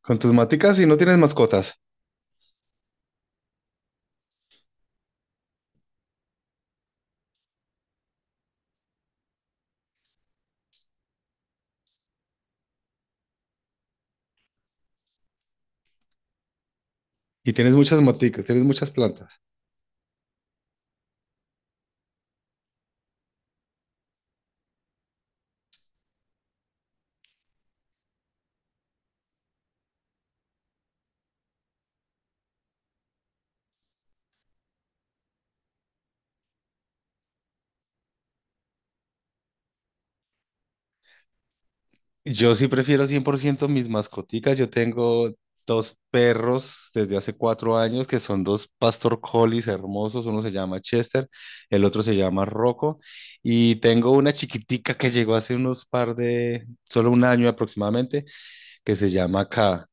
Con tus maticas, si no tienes mascotas y tienes muchas maticas, tienes muchas plantas. Yo sí prefiero 100% mis mascoticas. Yo tengo dos perros desde hace 4 años que son dos pastor collies hermosos. Uno se llama Chester, el otro se llama Rocco. Y tengo una chiquitica que llegó hace unos par de, solo 1 año aproximadamente, que se llama K.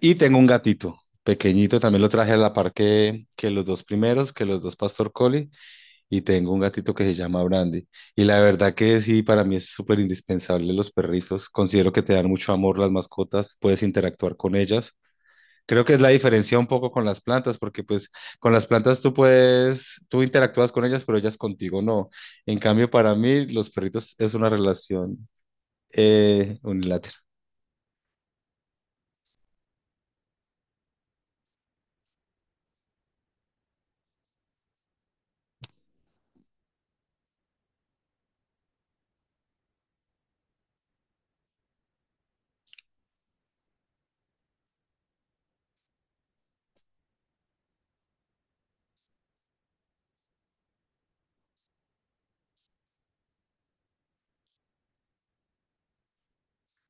Y tengo un gatito. Pequeñito, también lo traje a la par que los dos primeros, que los dos pastor collie. Y tengo un gatito que se llama Brandy. Y la verdad que sí, para mí es súper indispensable los perritos. Considero que te dan mucho amor las mascotas, puedes interactuar con ellas. Creo que es la diferencia un poco con las plantas, porque pues con las plantas tú puedes, tú interactúas con ellas, pero ellas contigo no. En cambio, para mí los perritos es una relación unilateral.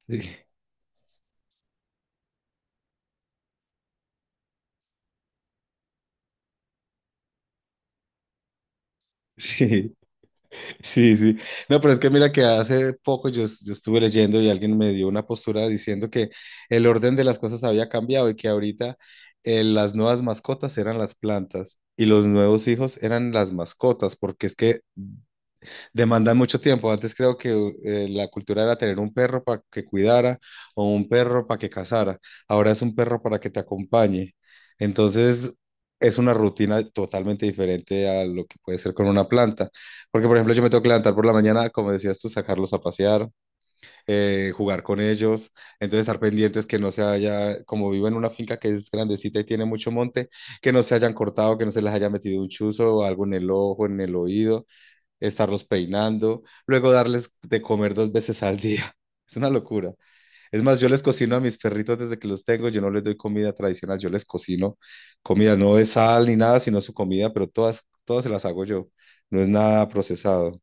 Sí, sí. Sí, sí. No, pero es que mira que hace poco yo, yo estuve leyendo y alguien me dio una postura diciendo que el orden de las cosas había cambiado y que ahorita, las nuevas mascotas eran las plantas y los nuevos hijos eran las mascotas, porque es que demandan mucho tiempo. Antes creo que la cultura era tener un perro para que cuidara o un perro para que cazara. Ahora es un perro para que te acompañe. Entonces es una rutina totalmente diferente a lo que puede ser con una planta. Porque, por ejemplo, yo me tengo que levantar por la mañana, como decías tú, sacarlos a pasear, jugar con ellos. Entonces estar pendientes que no se haya, como vivo en una finca que es grandecita y tiene mucho monte, que no se hayan cortado, que no se les haya metido un chuzo o algo en el ojo, en el oído, estarlos peinando, luego darles de comer dos veces al día. Es una locura. Es más, yo les cocino a mis perritos desde que los tengo, yo no les doy comida tradicional, yo les cocino comida, no de sal ni nada, sino su comida, pero todas se las hago yo. No es nada procesado.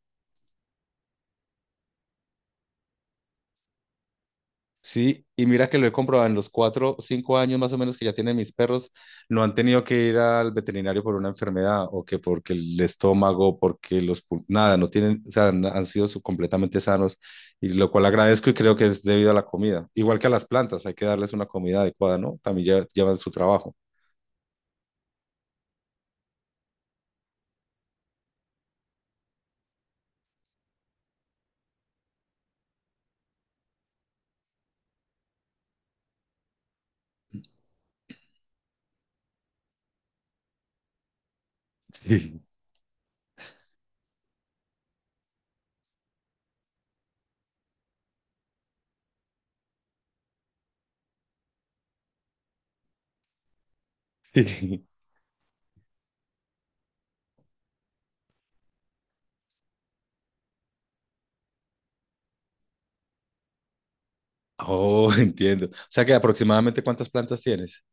Sí, y mira que lo he comprobado en los 4, 5 años más o menos que ya tienen mis perros, no han tenido que ir al veterinario por una enfermedad o que porque el estómago, porque los, nada, no tienen, o sea, han sido completamente sanos, y lo cual agradezco y creo que es debido a la comida. Igual que a las plantas, hay que darles una comida adecuada, ¿no? También llevan su trabajo. Sí, sí. Oh, entiendo. O sea que aproximadamente, ¿cuántas plantas tienes?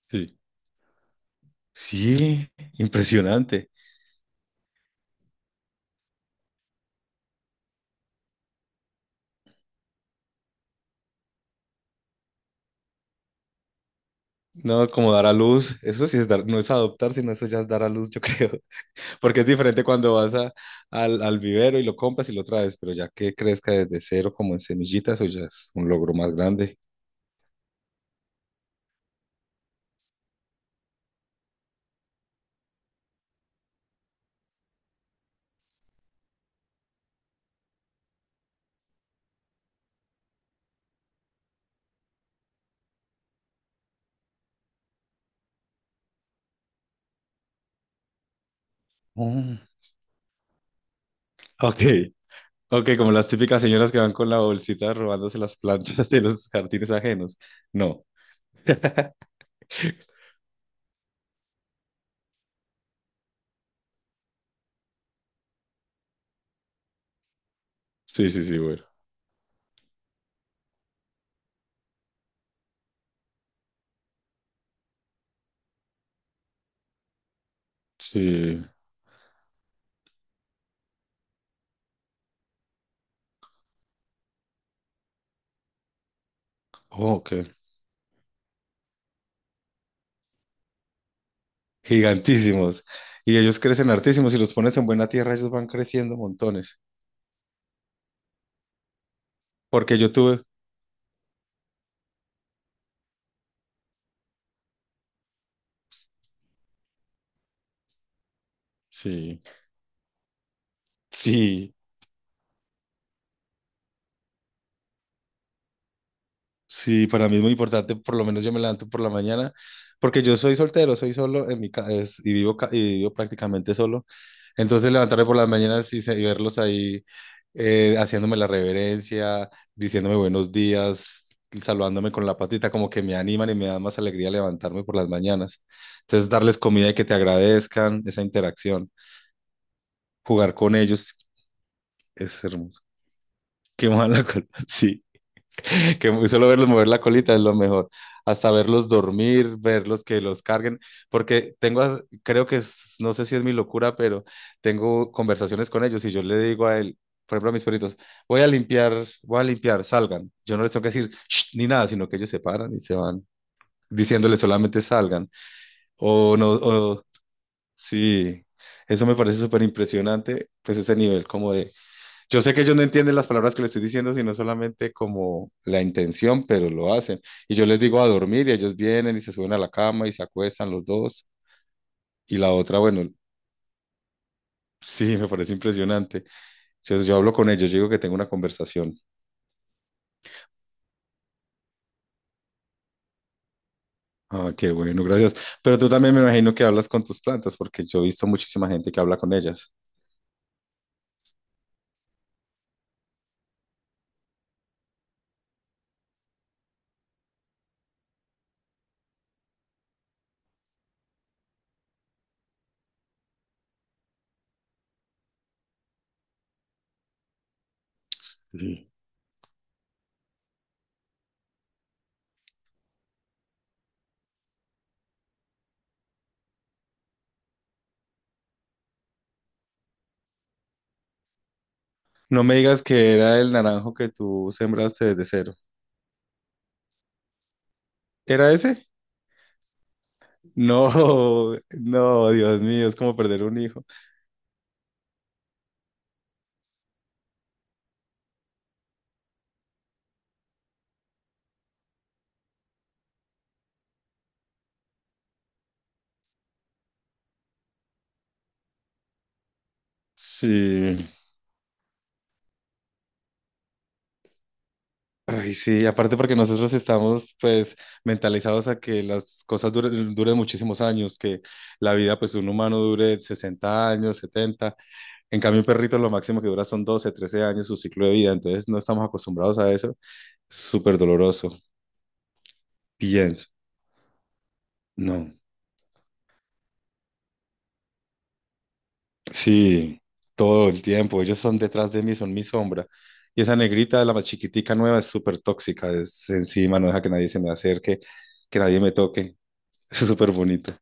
Sí. Sí, impresionante. No, como dar a luz, eso sí es dar, no es adoptar, sino eso ya es dar a luz, yo creo, porque es diferente cuando vas a, al vivero y lo compras y lo traes, pero ya que crezca desde cero como en semillitas, eso ya es un logro más grande. Mm. Ok, ok, como las típicas señoras que van con la bolsita robándose las plantas de los jardines ajenos. No, sí, sí, sí, bueno. Sí, oh, ok, gigantísimos. Y ellos crecen hartísimos, y los pones en buena tierra, ellos van creciendo montones, porque yo tuve... Sí. Sí, sí, para mí es muy importante, por lo menos yo me levanto por la mañana, porque yo soy soltero, soy solo en mi y vivo y vivo prácticamente solo. Entonces levantarme por las mañanas y, y verlos ahí, haciéndome la reverencia, diciéndome buenos días, saludándome con la patita, como que me animan y me dan más alegría levantarme por las mañanas. Entonces darles comida y que te agradezcan, esa interacción, jugar con ellos es hermoso. Qué mala cosa. Sí. que muy solo verlos mover la colita es lo mejor. Hasta verlos dormir, verlos que los carguen, porque tengo, creo que no sé si es mi locura, pero tengo conversaciones con ellos y yo le digo a él, por ejemplo, a mis perritos, voy a limpiar, salgan. Yo no les tengo que decir "Shh", ni nada, sino que ellos se paran y se van diciéndoles solamente salgan. O no, o sí, eso me parece súper impresionante, pues ese nivel como de, yo sé que ellos no entienden las palabras que les estoy diciendo, sino solamente como la intención, pero lo hacen. Y yo les digo a dormir y ellos vienen y se suben a la cama y se acuestan los dos. Y la otra, bueno, sí, me parece impresionante. Entonces yo hablo con ellos, yo digo que tengo una conversación. Ah, qué bueno, gracias. Pero tú también me imagino que hablas con tus plantas, porque yo he visto muchísima gente que habla con ellas. Sí. No me digas que era el naranjo que tú sembraste desde cero. ¿Era ese? No, no, Dios mío, es como perder un hijo. Sí. Ay, sí, aparte porque nosotros estamos pues mentalizados a que las cosas duren, duren muchísimos años, que la vida pues de un humano dure 60 años, 70. En cambio un perrito lo máximo que dura son 12, 13 años su ciclo de vida, entonces no estamos acostumbrados a eso, súper doloroso, pienso, no, sí, todo el tiempo, ellos son detrás de mí, son mi sombra, y esa negrita, la más chiquitica nueva, es súper tóxica, es encima, no deja que nadie se me acerque, que nadie me toque, es súper bonito,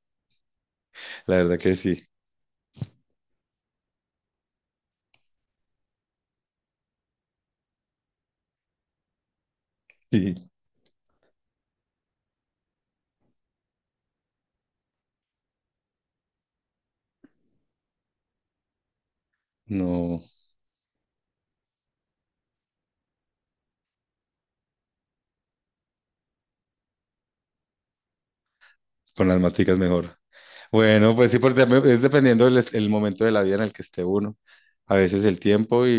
la verdad que sí. Sí, no, con las maticas mejor. Bueno, pues sí, porque también es dependiendo el momento de la vida en el que esté uno. A veces el tiempo y,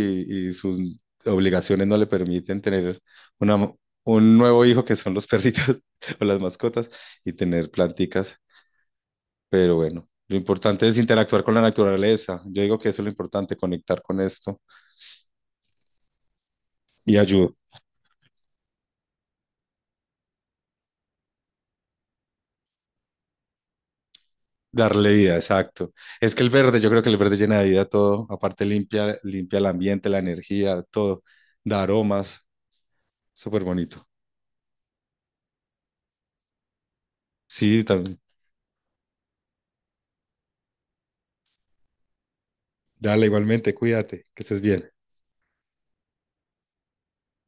y sus obligaciones no le permiten tener una, un nuevo hijo que son los perritos o las mascotas y tener planticas. Pero bueno, lo importante es interactuar con la naturaleza. Yo digo que eso es lo importante, conectar con esto y ayudar. Darle vida, exacto. Es que el verde, yo creo que el verde llena de vida todo, aparte limpia, limpia el ambiente, la energía, todo, da aromas, súper bonito. Sí, también. Dale igualmente, cuídate, que estés bien.